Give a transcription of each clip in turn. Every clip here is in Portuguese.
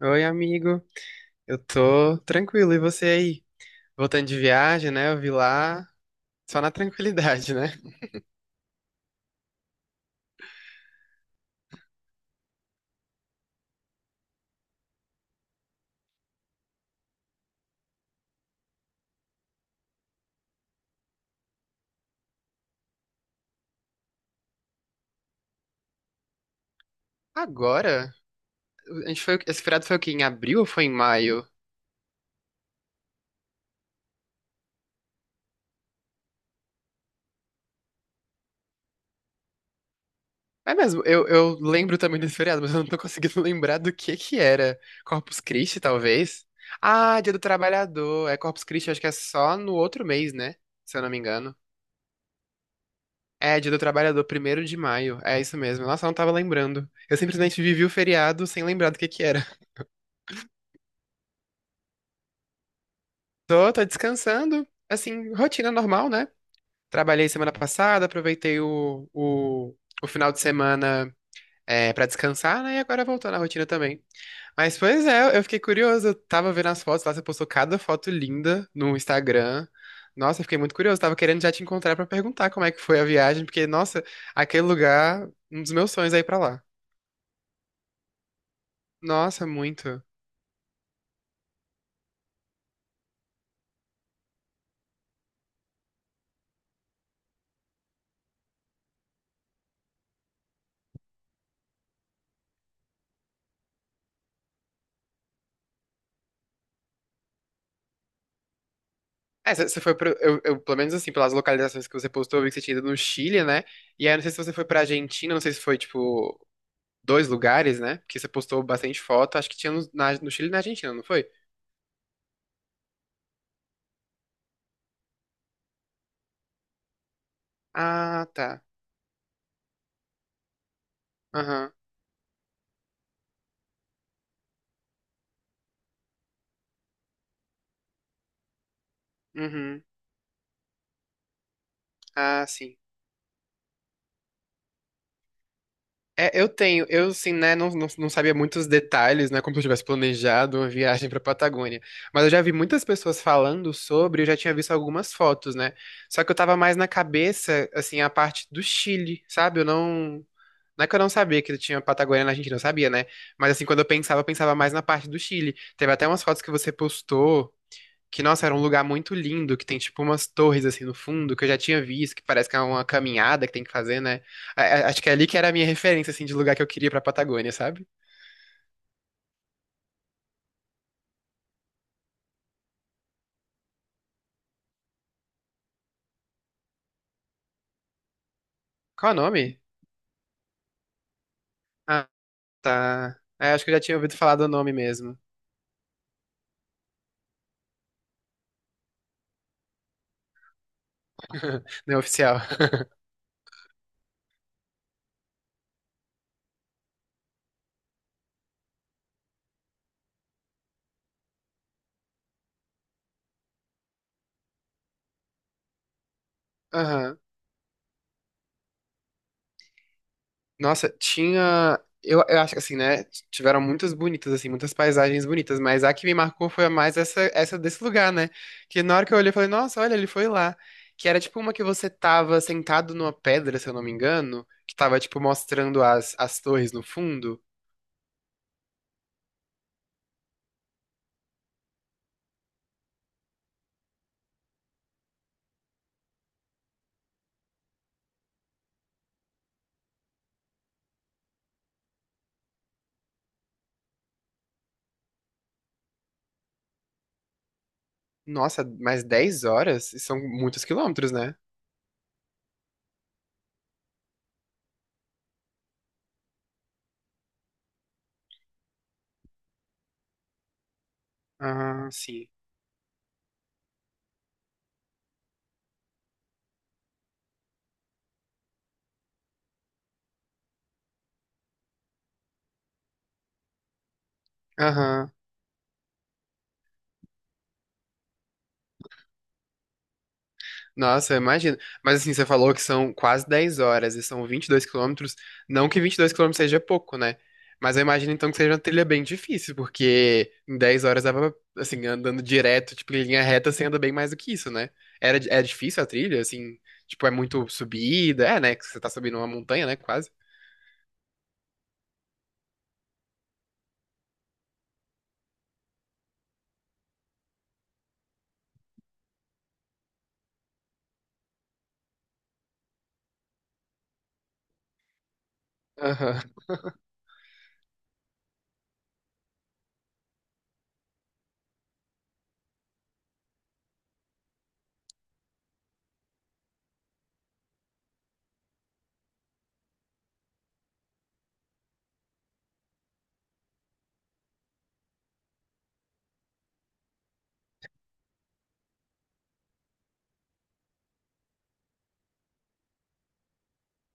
Oi, amigo. Eu tô tranquilo. E você aí? Voltando de viagem, né? Eu vi lá só na tranquilidade, né? Agora, a gente foi, esse feriado foi o quê? Em abril ou foi em maio? É mesmo, eu lembro também desse feriado, mas eu não tô conseguindo lembrar do que era. Corpus Christi, talvez? Ah, Dia do Trabalhador. É Corpus Christi, acho que é só no outro mês, né? Se eu não me engano. É, Dia do Trabalhador, 1º de maio. É isso mesmo. Nossa, eu não tava lembrando. Eu simplesmente vivi o feriado sem lembrar do que era. Tô, tô descansando. Assim, rotina normal, né? Trabalhei semana passada, aproveitei o final de semana é, para descansar, né? E agora voltou na rotina também. Mas, pois é, eu fiquei curioso. Eu tava vendo as fotos lá, você postou cada foto linda no Instagram. Nossa, eu fiquei muito curioso. Tava querendo já te encontrar pra perguntar como é que foi a viagem, porque, nossa, aquele lugar, um dos meus sonhos é ir pra lá. Nossa, muito. É, você foi pro, pelo menos assim, pelas localizações que você postou, eu vi que você tinha ido no Chile, né? E aí, não sei se você foi pra Argentina, não sei se foi, tipo, dois lugares, né? Porque você postou bastante foto, acho que tinha no, no Chile e na Argentina, não foi? Ah, tá. Aham. Uhum. Ah, sim. É, eu tenho, eu sim, né, não sabia muitos detalhes, né, como se eu tivesse planejado uma viagem pra Patagônia. Mas eu já vi muitas pessoas falando sobre, eu já tinha visto algumas fotos, né? Só que eu tava mais na cabeça, assim, a parte do Chile, sabe? Eu não. Não é que eu não sabia que tinha Patagônia na Argentina, eu sabia, né? Mas assim, quando eu pensava mais na parte do Chile. Teve até umas fotos que você postou, que, nossa, era um lugar muito lindo, que tem tipo umas torres assim no fundo, que eu já tinha visto, que parece que é uma caminhada que tem que fazer, né? Acho que é ali que era a minha referência, assim, de lugar que eu queria pra Patagônia, sabe? Qual é o nome? Ah, tá. É, acho que eu já tinha ouvido falar do nome mesmo. Não é oficial. Aham. Nossa, tinha. Eu acho que assim, né? Tiveram muitas bonitas, assim, muitas paisagens bonitas, mas a que me marcou foi a mais essa, essa desse lugar, né? Que na hora que eu olhei, eu falei, nossa, olha, ele foi lá. Que era tipo uma que você tava sentado numa pedra, se eu não me engano, que tava, tipo, mostrando as torres no fundo. Nossa, mais 10 horas? São muitos quilômetros, né? Ah, sim. Aham. Nossa, eu imagino. Mas assim, você falou que são quase 10 horas e são 22 quilômetros. Não que 22 quilômetros seja pouco, né? Mas eu imagino então que seja uma trilha bem difícil, porque em 10 horas dava, assim, andando direto, tipo, em linha reta, você anda bem mais do que isso, né? Era, é difícil a trilha, assim, tipo, é muito subida, é, né? Que você tá subindo uma montanha, né? Quase. Aham,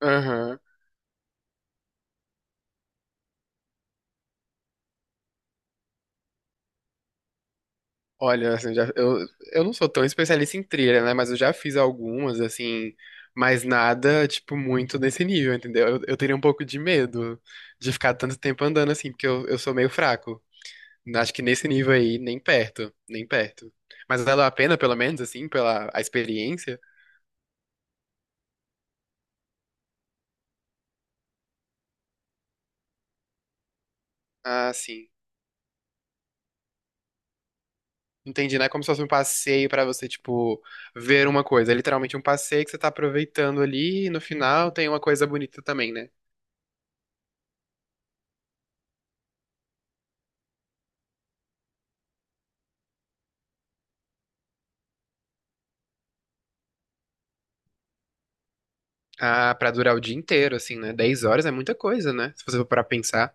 aham. Olha, assim, já, eu não sou tão especialista em trilha, né? Mas eu já fiz algumas, assim, mas nada, tipo, muito nesse nível, entendeu? Eu teria um pouco de medo de ficar tanto tempo andando assim, porque eu sou meio fraco. Acho que nesse nível aí, nem perto, nem perto. Mas valeu a pena, pelo menos, assim, pela a experiência? Ah, sim. Entendi, né? É como se fosse um passeio pra você, tipo, ver uma coisa. É literalmente um passeio que você tá aproveitando ali e no final tem uma coisa bonita também, né? Ah, pra durar o dia inteiro, assim, né? 10 horas é muita coisa, né? Se você for parar pra pensar.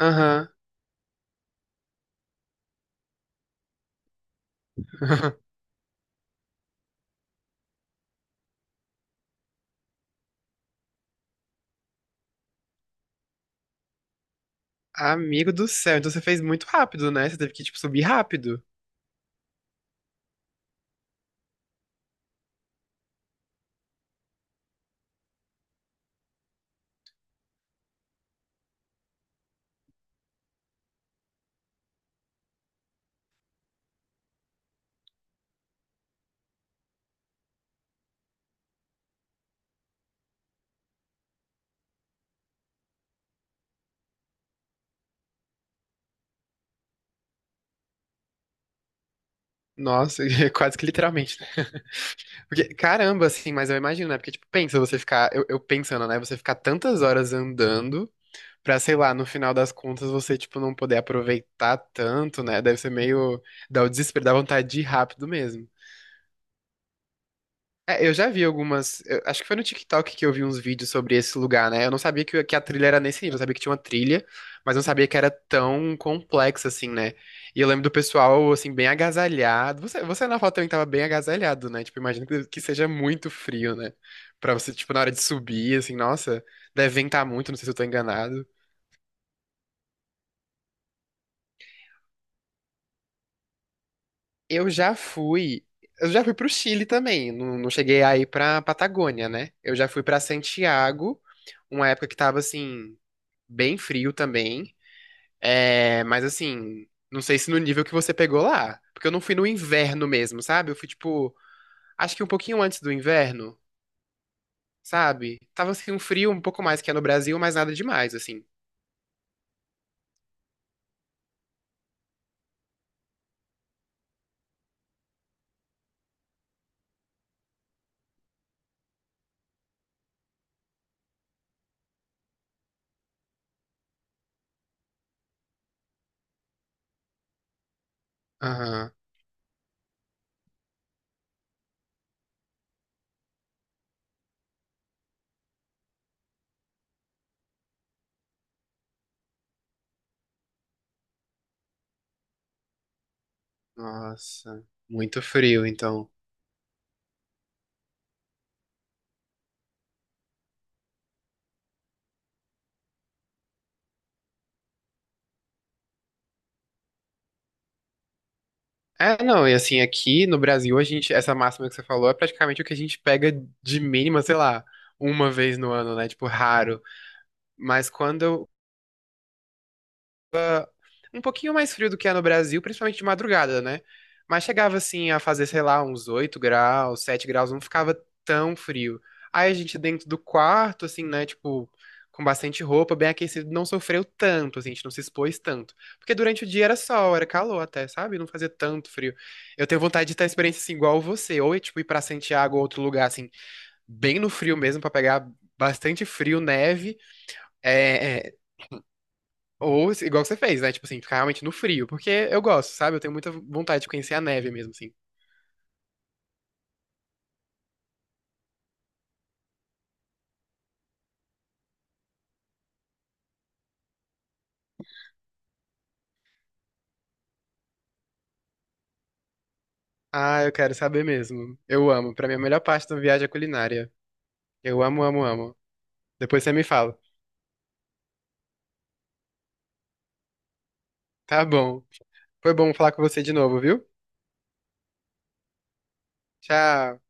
Aham. Amigo do céu, então você fez muito rápido, né? Você teve que, tipo, subir rápido. Nossa, quase que literalmente, né? Porque, caramba, assim, mas eu imagino, né? Porque, tipo, pensa você ficar, eu pensando, né? Você ficar tantas horas andando pra, sei lá, no final das contas você, tipo, não poder aproveitar tanto, né? Deve ser meio, dá o desespero, dá vontade de ir rápido mesmo. É, eu já vi algumas. Acho que foi no TikTok que eu vi uns vídeos sobre esse lugar, né? Eu não sabia que a trilha era nesse nível. Eu sabia que tinha uma trilha, mas não sabia que era tão complexa assim, né? E eu lembro do pessoal, assim, bem agasalhado. Você na foto também tava bem agasalhado, né? Tipo, imagino que seja muito frio, né? Pra você, tipo, na hora de subir, assim, nossa, deve ventar muito, não sei se eu tô enganado. Eu já fui. Eu já fui pro Chile também. Não, não cheguei aí pra Patagônia, né? Eu já fui pra Santiago uma época que tava assim, bem frio também. É, mas assim, não sei se no nível que você pegou lá. Porque eu não fui no inverno mesmo, sabe? Eu fui, tipo, acho que um pouquinho antes do inverno, sabe? Tava assim, um frio um pouco mais que é no Brasil, mas nada demais, assim. Aham. Nossa. Muito frio, então. É, não, e assim, aqui no Brasil, a gente, essa máxima que você falou é praticamente o que a gente pega de mínima, sei lá, uma vez no ano, né? Tipo, raro. Mas quando um pouquinho mais frio do que é no Brasil, principalmente de madrugada, né? Mas chegava assim a fazer, sei lá, uns 8 graus, 7 graus, não ficava tão frio. Aí a gente dentro do quarto, assim, né, tipo, com bastante roupa, bem aquecido, não sofreu tanto, assim, a gente não se expôs tanto. Porque durante o dia era sol, era calor até, sabe? Não fazia tanto frio. Eu tenho vontade de ter a experiência assim, igual você, ou tipo, ir pra Santiago ou outro lugar, assim, bem no frio mesmo, pra pegar bastante frio, neve, é, é, ou se- igual você fez, né? Tipo assim, ficar realmente no frio. Porque eu gosto, sabe? Eu tenho muita vontade de conhecer a neve mesmo, assim. Ah, eu quero saber mesmo. Eu amo. Pra mim, é a melhor parte da viagem é a culinária. Eu amo, amo, amo. Depois você me fala. Tá bom. Foi bom falar com você de novo, viu? Tchau.